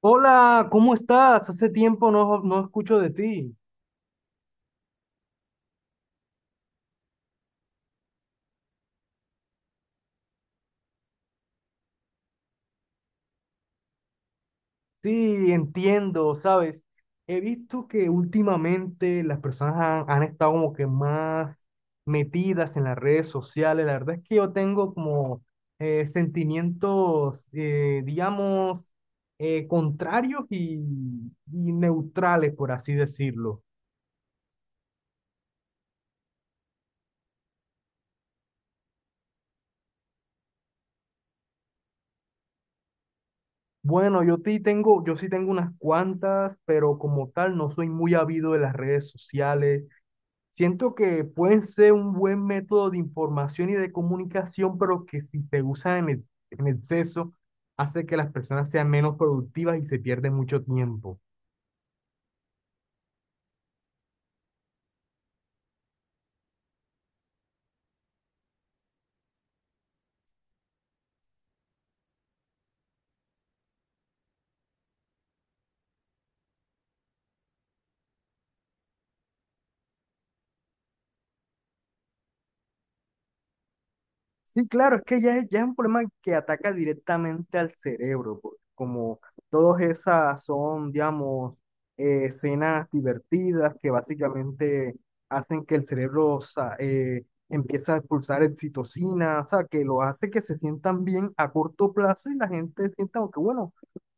Hola, ¿cómo estás? Hace tiempo no escucho de ti. Sí, entiendo, ¿sabes? He visto que últimamente las personas han estado como que más metidas en las redes sociales. La verdad es que yo tengo como sentimientos, digamos, contrarios y neutrales, por así decirlo. Bueno, yo sí tengo unas cuantas, pero como tal no soy muy habido de las redes sociales. Siento que pueden ser un buen método de información y de comunicación, pero que si se usan en exceso, hace que las personas sean menos productivas y se pierde mucho tiempo. Sí, claro, es que ya es un problema que ataca directamente al cerebro, como todas esas son, digamos, escenas divertidas que básicamente hacen que el cerebro empiece a expulsar oxitocina, o sea, que lo hace que se sientan bien a corto plazo y la gente sienta como que, bueno,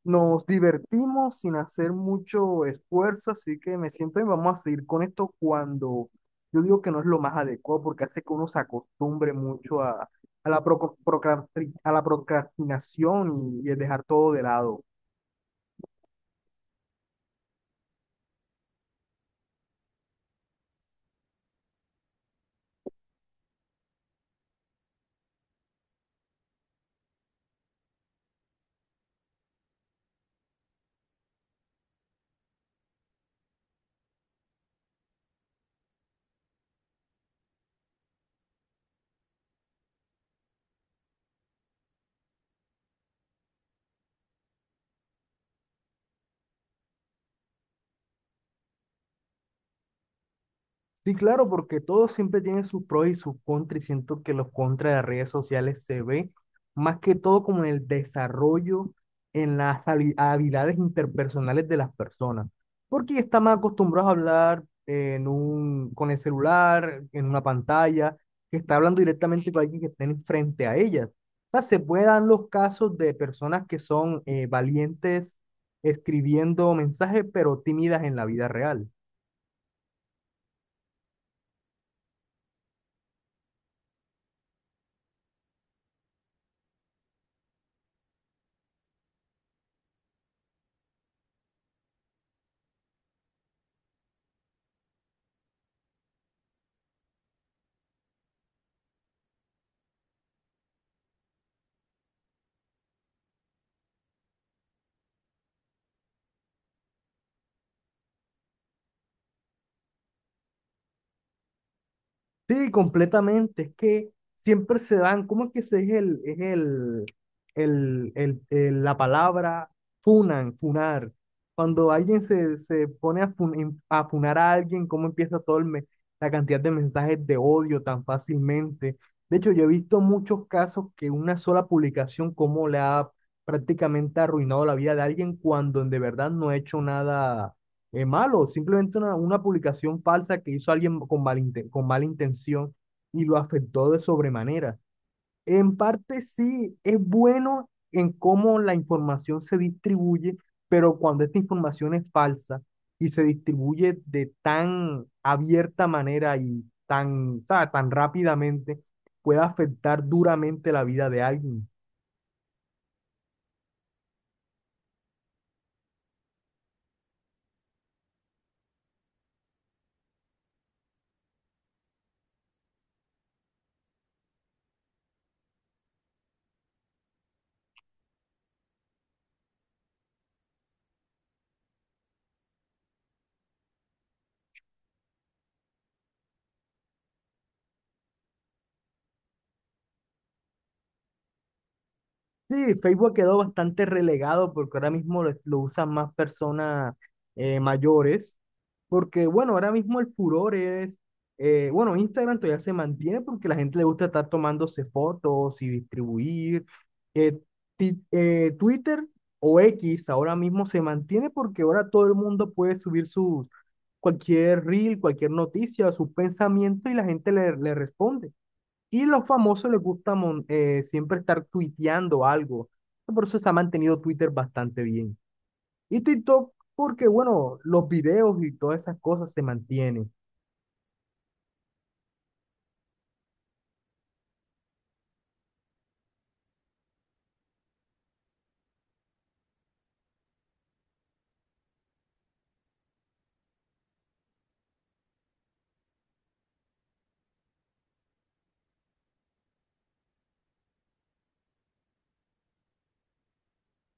nos divertimos sin hacer mucho esfuerzo, así que me siento y vamos a seguir con esto cuando. Yo digo que no es lo más adecuado porque hace que uno se acostumbre mucho a la procrastinación y el dejar todo de lado. Sí, claro, porque todo siempre tiene sus pros y sus contras, y siento que los contras de las redes sociales se ve más que todo como en el desarrollo, en las habilidades interpersonales de las personas, porque ya están más acostumbrados a hablar con el celular, en una pantalla, que está hablando directamente con alguien que esté frente a ellas. O sea, se pueden dar los casos de personas que son valientes escribiendo mensajes, pero tímidas en la vida real. Sí, completamente. Es que siempre se dan, ¿cómo es que se es el- la palabra funan, funar? Cuando alguien se pone a funar a alguien, ¿cómo empieza todo la cantidad de mensajes de odio tan fácilmente? De hecho, yo he visto muchos casos que una sola publicación, cómo le ha prácticamente arruinado la vida de alguien cuando de verdad no ha hecho nada es malo, simplemente una publicación falsa que hizo alguien con mala intención y lo afectó de sobremanera. En parte sí es bueno en cómo la información se distribuye, pero cuando esta información es falsa y se distribuye de tan abierta manera y tan rápidamente, puede afectar duramente la vida de alguien. Sí, Facebook quedó bastante relegado porque ahora mismo lo usan más personas mayores. Porque, bueno, ahora mismo el furor es, bueno, Instagram todavía se mantiene porque la gente le gusta estar tomándose fotos y distribuir. Eh, Twitter o X ahora mismo se mantiene porque ahora todo el mundo puede subir sus, cualquier reel, cualquier noticia, sus pensamientos y la gente le responde. Y los famosos les gusta siempre estar tuiteando algo. Por eso se ha mantenido Twitter bastante bien. Y TikTok, porque bueno, los videos y todas esas cosas se mantienen.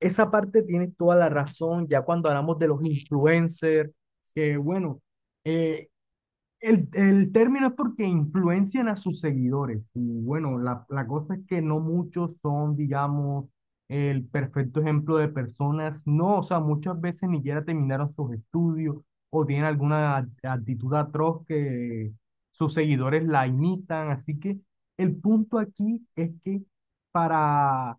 Esa parte tienes toda la razón, ya cuando hablamos de los influencers, que bueno, eh, el término es porque influencian a sus seguidores. Y bueno, la cosa es que no muchos son, digamos, el perfecto ejemplo de personas. No, o sea, muchas veces ni siquiera terminaron sus estudios o tienen alguna actitud atroz que sus seguidores la imitan. Así que el punto aquí es que para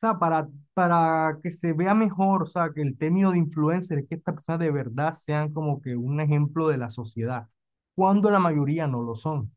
sea, para, para que se vea mejor, o sea, que el término de influencer es que estas personas de verdad sean como que un ejemplo de la sociedad, cuando la mayoría no lo son.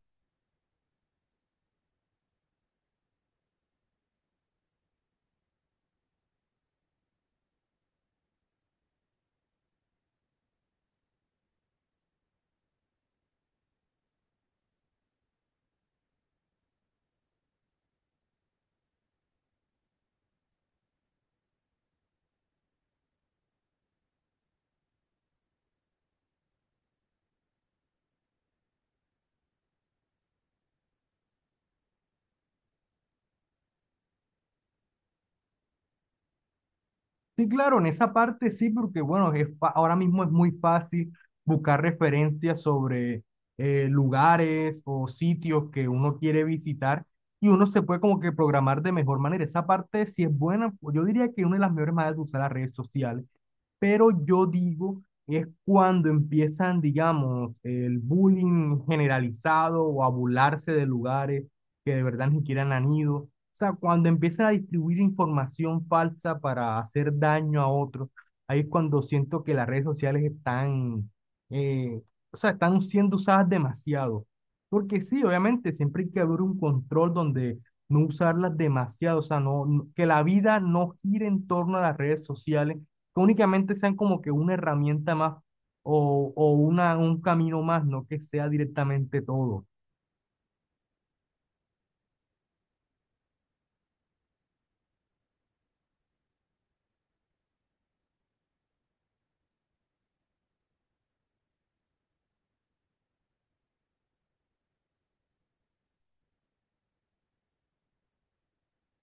Sí, claro, en esa parte sí, porque bueno, ahora mismo es muy fácil buscar referencias sobre lugares o sitios que uno quiere visitar y uno se puede como que programar de mejor manera. Esa parte sí es buena, pues, yo diría que una de las mejores maneras de usar las redes sociales, pero yo digo es cuando empiezan, digamos, el bullying generalizado o a burlarse de lugares que de verdad ni siquiera han ido. O sea, cuando empiezan a distribuir información falsa para hacer daño a otros, ahí es cuando siento que las redes sociales están, eh, o sea, están siendo usadas demasiado. Porque sí, obviamente, siempre hay que haber un control donde no usarlas demasiado, o sea, que la vida no gire en torno a las redes sociales, que únicamente sean como que una herramienta más o un camino más, no que sea directamente todo.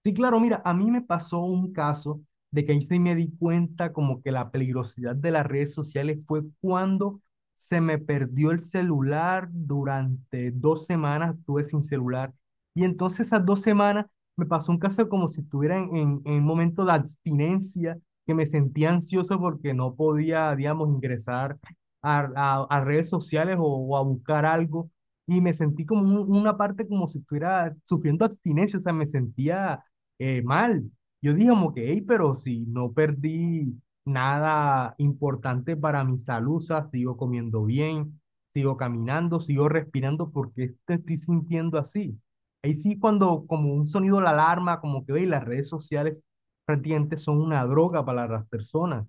Sí, claro, mira, a mí me pasó un caso de que ahí sí me di cuenta como que la peligrosidad de las redes sociales fue cuando se me perdió el celular durante 2 semanas, estuve sin celular. Y entonces esas 2 semanas me pasó un caso como si estuviera en un momento de abstinencia, que me sentía ansioso porque no podía, digamos, ingresar a redes sociales o a buscar algo. Y me sentí como una parte como si estuviera sufriendo abstinencia, o sea, me sentía mal. Yo dije como que, hey, pero si no perdí nada importante para mi salud, o sea, sigo comiendo bien, sigo caminando, sigo respirando, ¿porque te estoy sintiendo así? Ahí sí cuando como un sonido la alarma, como que, hey, las redes sociales prácticamente son una droga para las personas.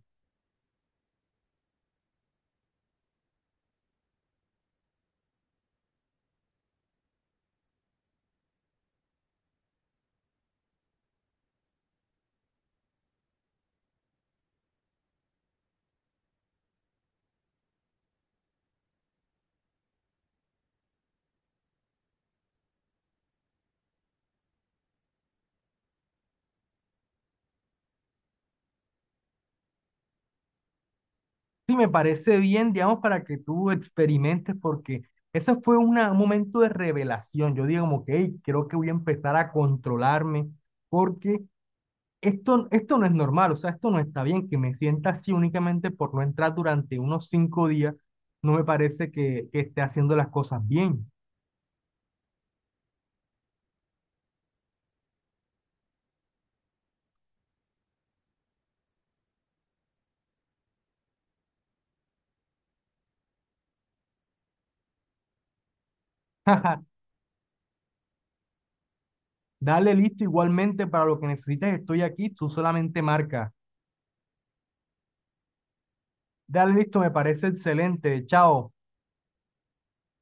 Sí, me parece bien, digamos, para que tú experimentes, porque ese fue un momento de revelación. Yo digo como que, hey, creo que voy a empezar a controlarme porque esto no es normal, o sea, esto no está bien, que me sienta así únicamente por no entrar durante unos 5 días, no me parece que esté haciendo las cosas bien. Dale listo igualmente para lo que necesites, estoy aquí, tú solamente marca. Dale listo, me parece excelente, chao.